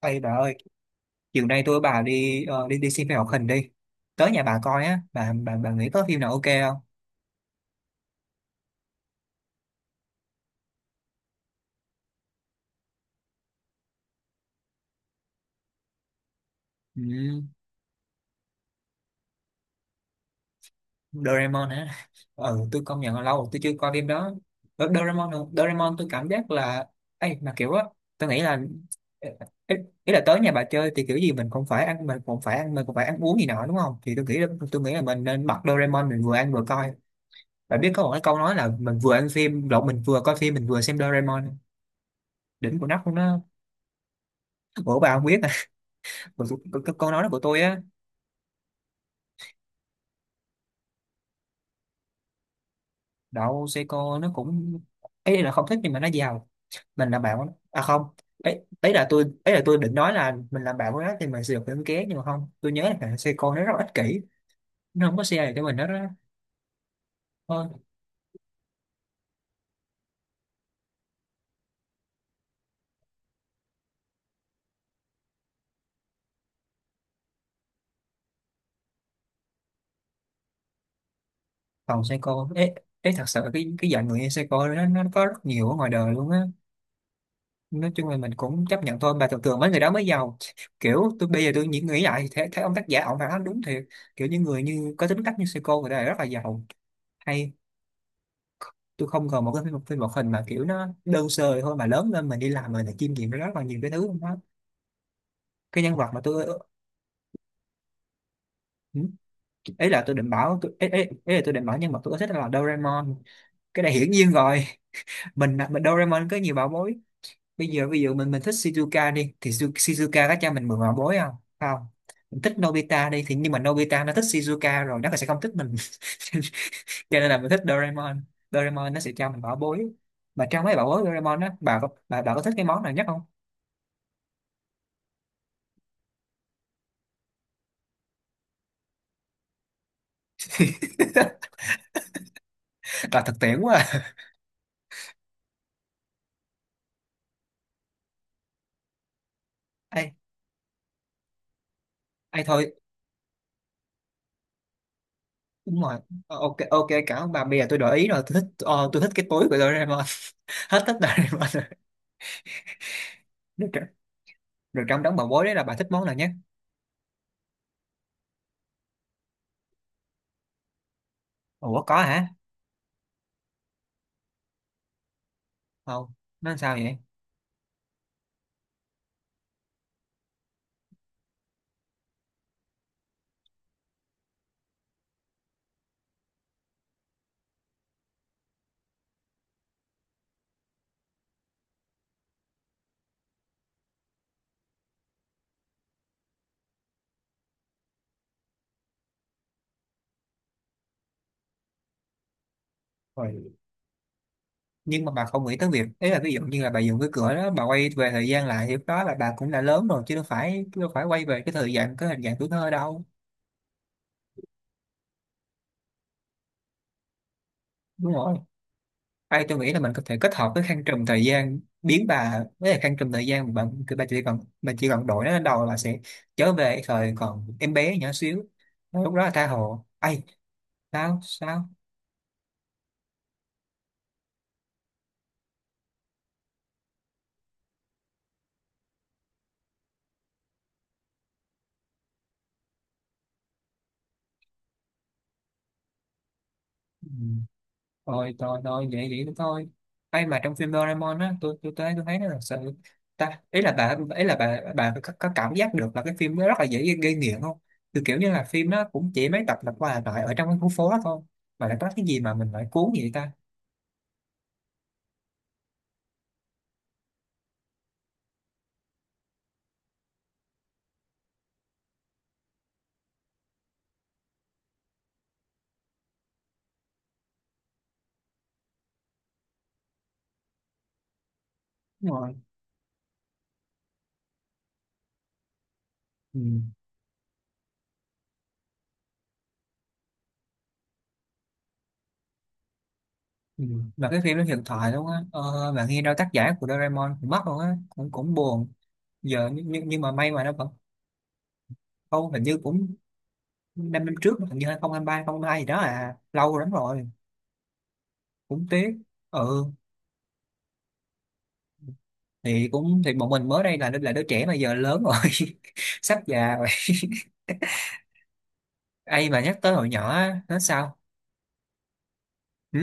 Ê bà ơi, chiều nay tôi với bà đi ờ, đi đi xem phim hoạt hình đi. Tới nhà bà coi á, bà nghĩ có phim nào ok không? Ừ, Doraemon hả? Ừ, tôi công nhận là lâu rồi tôi chưa coi phim đó. Ờ, Doraemon, hả? Doraemon tôi cảm giác là ấy mà kiểu á, tôi nghĩ là ý, ý là tới nhà bà chơi thì kiểu gì mình cũng phải ăn uống gì nọ đúng không? Thì tôi nghĩ là mình nên bật Doraemon mình vừa ăn vừa coi. Bà biết có một cái câu nói là mình vừa coi phim mình vừa xem Doraemon. Đỉnh của nóc luôn đó. Ủa bà không biết còn cái, câu nói đó của tôi á. Đậu, Seiko nó cũng ấy là không thích nhưng mà nó giàu. Mình là bạn của nó. À không, ấy ấy là tôi định nói là mình làm bạn của nó thì mình sẽ được những ké nhưng mà không, tôi nhớ là Seiko nó rất là ích kỷ, nó không có share được cho mình đó đó. Thôi, còn Seiko ấy, ấy thật sự cái dạng người như Seiko nó có rất nhiều ở ngoài đời luôn á. Nói chung là mình cũng chấp nhận thôi mà thường thường mấy người đó mới giàu. Kiểu tôi bây giờ tôi nghĩ nghĩ lại thì thấy ông tác giả ông phải nói đúng thiệt, kiểu những người như có tính cách như Seiko người ta là rất là giàu hay. Tôi không cần một cái phim phim một hình mà kiểu nó đơn sơ thôi mà lớn lên mình đi làm mình phải chiêm nghiệm rất là nhiều cái thứ đó. Cái nhân vật mà tôi ừ, ý là tôi định bảo nhân vật tôi thích là Doraemon. Cái này hiển nhiên rồi. Mình Doraemon có nhiều bảo bối. Bây giờ ví dụ mình thích Shizuka đi thì Shizuka có cho mình mượn bảo bối không? Không. Mình thích Nobita đi thì nhưng mà Nobita nó thích Shizuka rồi nó sẽ không thích mình. Cho nên là mình thích Doraemon. Doraemon nó sẽ cho mình bảo bối, mà trong mấy bảo bối Doraemon á, bà có thích cái món nào nhất không? Là thực tiễn quá à. Ai, ai thôi. Đúng rồi. Ờ, ok ok cảm ơn bà, bây giờ tôi đổi ý rồi, tôi thích cái túi của Doraemon. Hết thích Doraemon rồi. Được, rồi. Rồi trong đống bà bối đấy là bà thích món nào nhất? Ủa có hả? Không, nó làm sao vậy? Rồi. Nhưng mà bà không nghĩ tới việc ấy là ví dụ như là bà dùng cái cửa đó bà quay về thời gian lại thì lúc đó là bà cũng đã lớn rồi chứ đâu phải quay về cái thời gian cái hình dạng tuổi thơ đâu. Đúng rồi. Hay tôi nghĩ là mình có thể kết hợp với khăn trùm thời gian, biến bà với lại khăn trùm thời gian mà bạn, bà chỉ cần đổi nó lên đầu là sẽ trở về thời còn em bé nhỏ xíu. Rồi lúc đó là tha hồ. Ai, sao sao? Ừ. Thôi thôi thôi vậy vậy thôi. Ai mà trong phim Doraemon á, tôi tới tôi thấy nó là sự, ta ý là bà có cảm giác được là cái phim nó rất là dễ gây nghiện không? Từ kiểu như là phim nó cũng chỉ mấy tập lặp qua lặp lại ở trong cái khu phố đó thôi mà lại có cái gì mà mình lại cuốn vậy ta. Đúng rồi. Ừ. Ừ. Mà cái phim nó hiện thoại luôn á, bạn nghe đâu tác giả của Doraemon cũng mất luôn á, cũng cũng buồn. Giờ nhưng mà may mà nó vẫn không hình như cũng 5 năm trước hình như 2023 hai gì đó, à lâu lắm rồi, cũng tiếc. Ừ, thì cũng bọn mình mới đây là đứa trẻ mà giờ lớn rồi. Sắp già rồi. Ai mà nhắc tới hồi nhỏ á, nói sao. Ừ?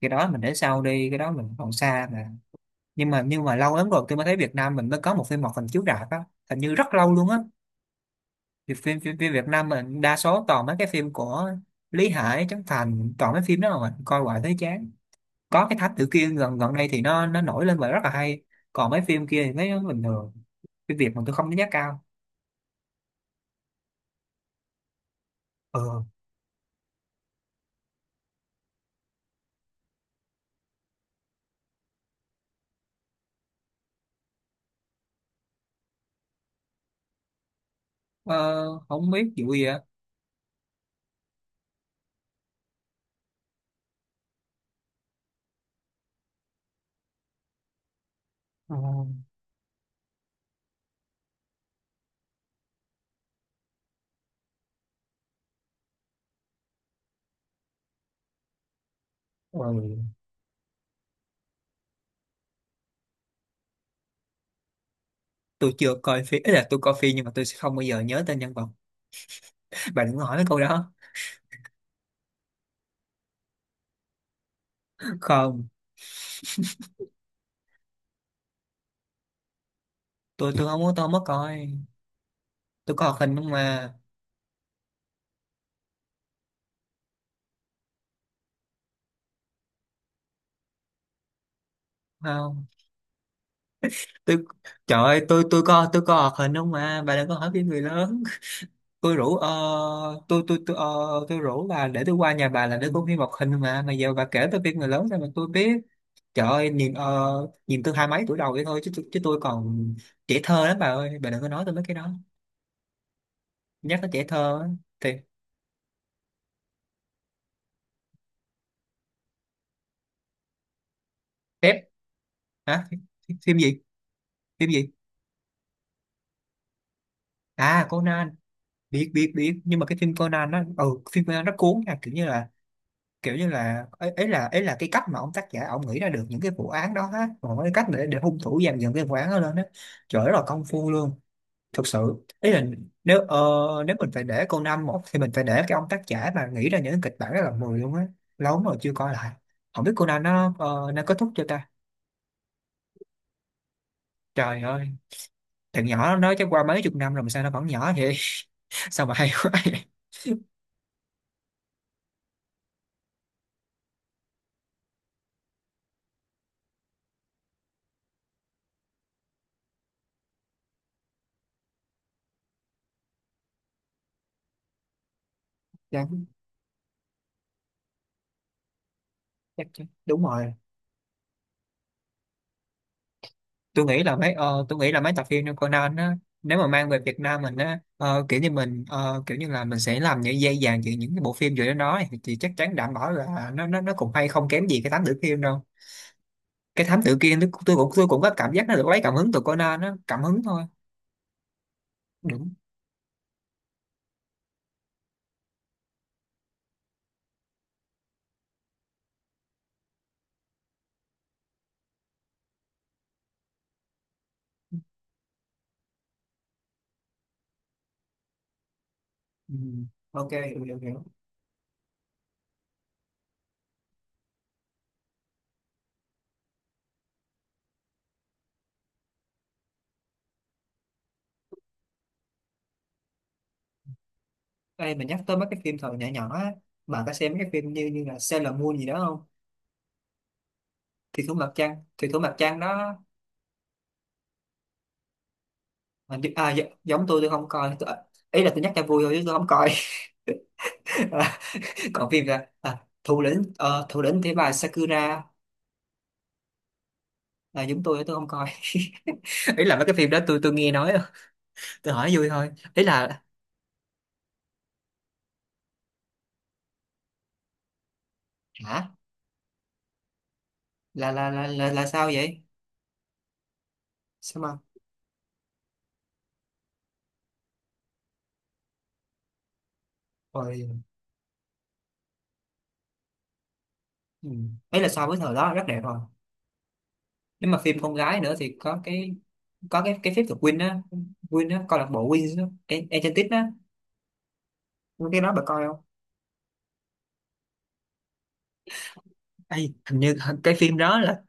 Cái đó mình để sau đi, cái đó mình còn xa mà. Nhưng mà lâu lắm rồi tôi mới thấy Việt Nam mình mới có một phim hoạt hình chiếu rạp á, hình như rất lâu luôn á. Thì phim, phim phim Việt Nam mình đa số toàn mấy cái phim của Lý Hải, Trấn Thành, toàn mấy phim đó mà mình coi hoài thấy chán. Có cái Thám Tử Kiên gần gần đây thì nó nổi lên và rất là hay, còn mấy phim kia thì thấy nó bình thường. Phim Việt mà tôi không đánh giá cao. Ừ. ờ, không biết vụ gì ạ. Ờ, ừ. Tôi chưa coi phim, ý là tôi coi phim nhưng mà tôi sẽ không bao giờ nhớ tên nhân vật. Bạn đừng hỏi cái câu đó. Không, tôi không muốn, tôi không có coi. Tôi coi hoạt hình không mà. Không, tôi. Trời ơi, tôi coi hoạt hình không mà bà đừng có hỏi phim người lớn. Tôi rủ ờ, tôi, ờ, tôi rủ bà để tôi qua nhà bà là để coi phim hoạt hình mà giờ bà kể tôi phim người lớn ra mà tôi biết. Trời ơi, nhìn tôi hai mấy tuổi đầu vậy thôi chứ, chứ tôi còn trẻ thơ lắm bà ơi, bà đừng có nói tôi mấy cái đó. Nhắc tới trẻ thơ á, thì phép. Hả? Phim gì? Phim gì? À Conan. Biết biết biết nhưng mà cái phim Conan nó ừ, phim Conan nó cuốn nha, kiểu như là, kiểu như là ấy, ấy là cái cách mà ông tác giả ông nghĩ ra được những cái vụ án đó á, còn cái cách để hung thủ dàn dựng cái vụ án đó lên á, trời rất là công phu luôn. Thực sự ý là nếu ờ, nếu mình phải để Conan một thì mình phải để cái ông tác giả mà nghĩ ra những kịch bản rất là mười luôn á. Lâu lắm rồi chưa coi lại, không biết Conan nó kết thúc chưa ta. Trời ơi, thằng nhỏ nó chắc qua mấy chục năm rồi mà sao nó vẫn nhỏ vậy. Sao mà hay quá vậy. Dạ, đúng rồi. Tôi nghĩ là mấy ờ, tôi nghĩ là mấy tập phim như Conan á, nếu mà mang về Việt Nam mình á, kiểu như là mình sẽ làm những dây vàng giữa những cái bộ phim vừa đến đó nói, thì chắc chắn đảm bảo là nó cũng hay không kém gì cái thám tử Kiên đâu. Cái thám tử Kiên tôi cũng có cảm giác nó được lấy cảm hứng từ Conan á, cảm hứng thôi. Đúng. Ừ. Ok, hiểu hiểu hiểu. Ê, mình nhắc tới mấy cái phim thời nhỏ nhỏ á, bạn có xem mấy cái phim như như là Sailor Moon gì đó không? Thủy thủ mặt trăng, Thủy thủ mặt trăng đó. Giống tôi không coi tôi, ý là tôi nhắc cho vui thôi chứ tôi không coi. Còn phim ra à, thủ lĩnh thế bà Sakura, là giống tôi không coi. Ý là mấy cái phim đó tôi nghe nói thôi, tôi hỏi vui thôi, ý là. Hả? Là sao vậy? Sao mà. Rồi. Ừ. Ấy là so với thời đó rất đẹp rồi. Nếu mà phim con gái nữa thì có cái phép thuật Win á, Win á câu lạc bộ Win á, Enchanted á, cái đó bà coi không? Ê, hình như cái phim đó là,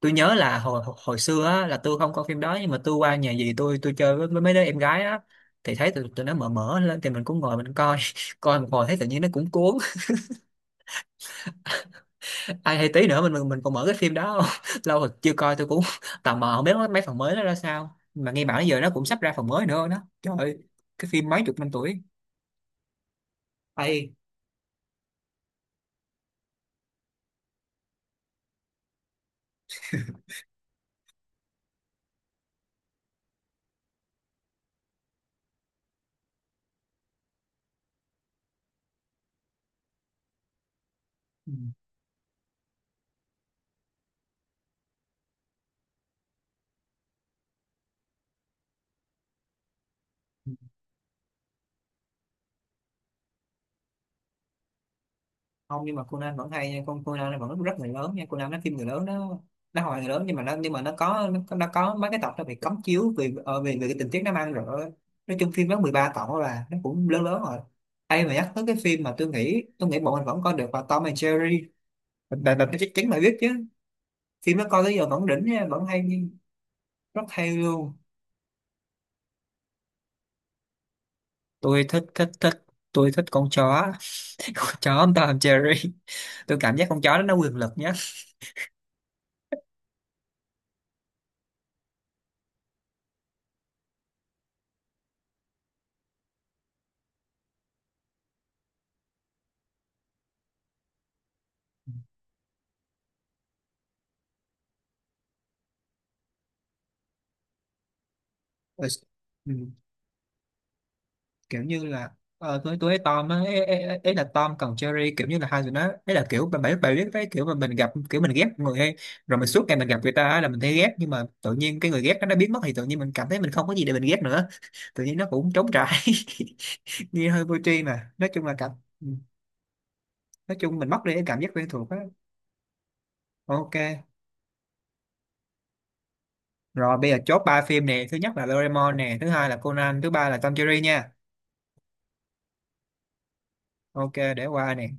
tôi nhớ là hồi hồi xưa á, là tôi không coi phim đó nhưng mà tôi qua nhà dì tôi chơi với mấy đứa em gái á thì thấy tụi nó mở mở lên thì mình cũng ngồi mình coi. Coi một hồi thấy tự nhiên nó cũng cuốn, ai hay tí nữa mình còn mở cái phim đó không? Lâu rồi chưa coi tôi cũng tò mò, không biết mấy phần mới nó ra sao mà nghe bảo giờ nó cũng sắp ra phần mới nữa đó. Trời ơi, cái phim mấy chục năm tuổi. Ây. Không nhưng mà Conan vẫn hay nha, con Conan nó vẫn rất người lớn nha, Conan nó phim người lớn đó. Nó hồi người lớn nhưng mà nó có mấy cái tập nó bị cấm chiếu vì ờ, vì vì cái tình tiết nó mang rồi, nói chung phim nó 13 tập là nó cũng lớn lớn rồi. Ai mà nhắc tới cái phim mà tôi nghĩ bọn mình vẫn coi được là Tom and Jerry, là chắc chắn là biết chứ. Phim nó coi tới giờ vẫn đỉnh nha, vẫn hay, rất hay luôn. Tôi thích thích thích, tôi thích con chó. Con chó Tom and Jerry, tôi cảm giác con chó đó nó quyền lực nhất. Ừ. Kiểu như là, tôi với Tom á, ấy, ấy là Tom còn Jerry kiểu như là hai người nó, ấy là kiểu bạn, bà biết cái kiểu mà mình gặp kiểu mình ghét người hay, rồi mình suốt ngày mình gặp người ta á, là mình thấy ghét nhưng mà tự nhiên cái người ghét nó đã biến mất thì tự nhiên mình cảm thấy mình không có gì để mình ghét nữa, tự nhiên nó cũng trống trải. Nghe hơi vô tri mà nói chung là cảm. Ừ, nói chung mình mất đi cái cảm giác quen thuộc á. Ok rồi bây giờ chốt ba phim nè, thứ nhất là Doraemon nè, thứ hai là Conan, thứ ba là Tom Jerry nha. Ok để qua nè.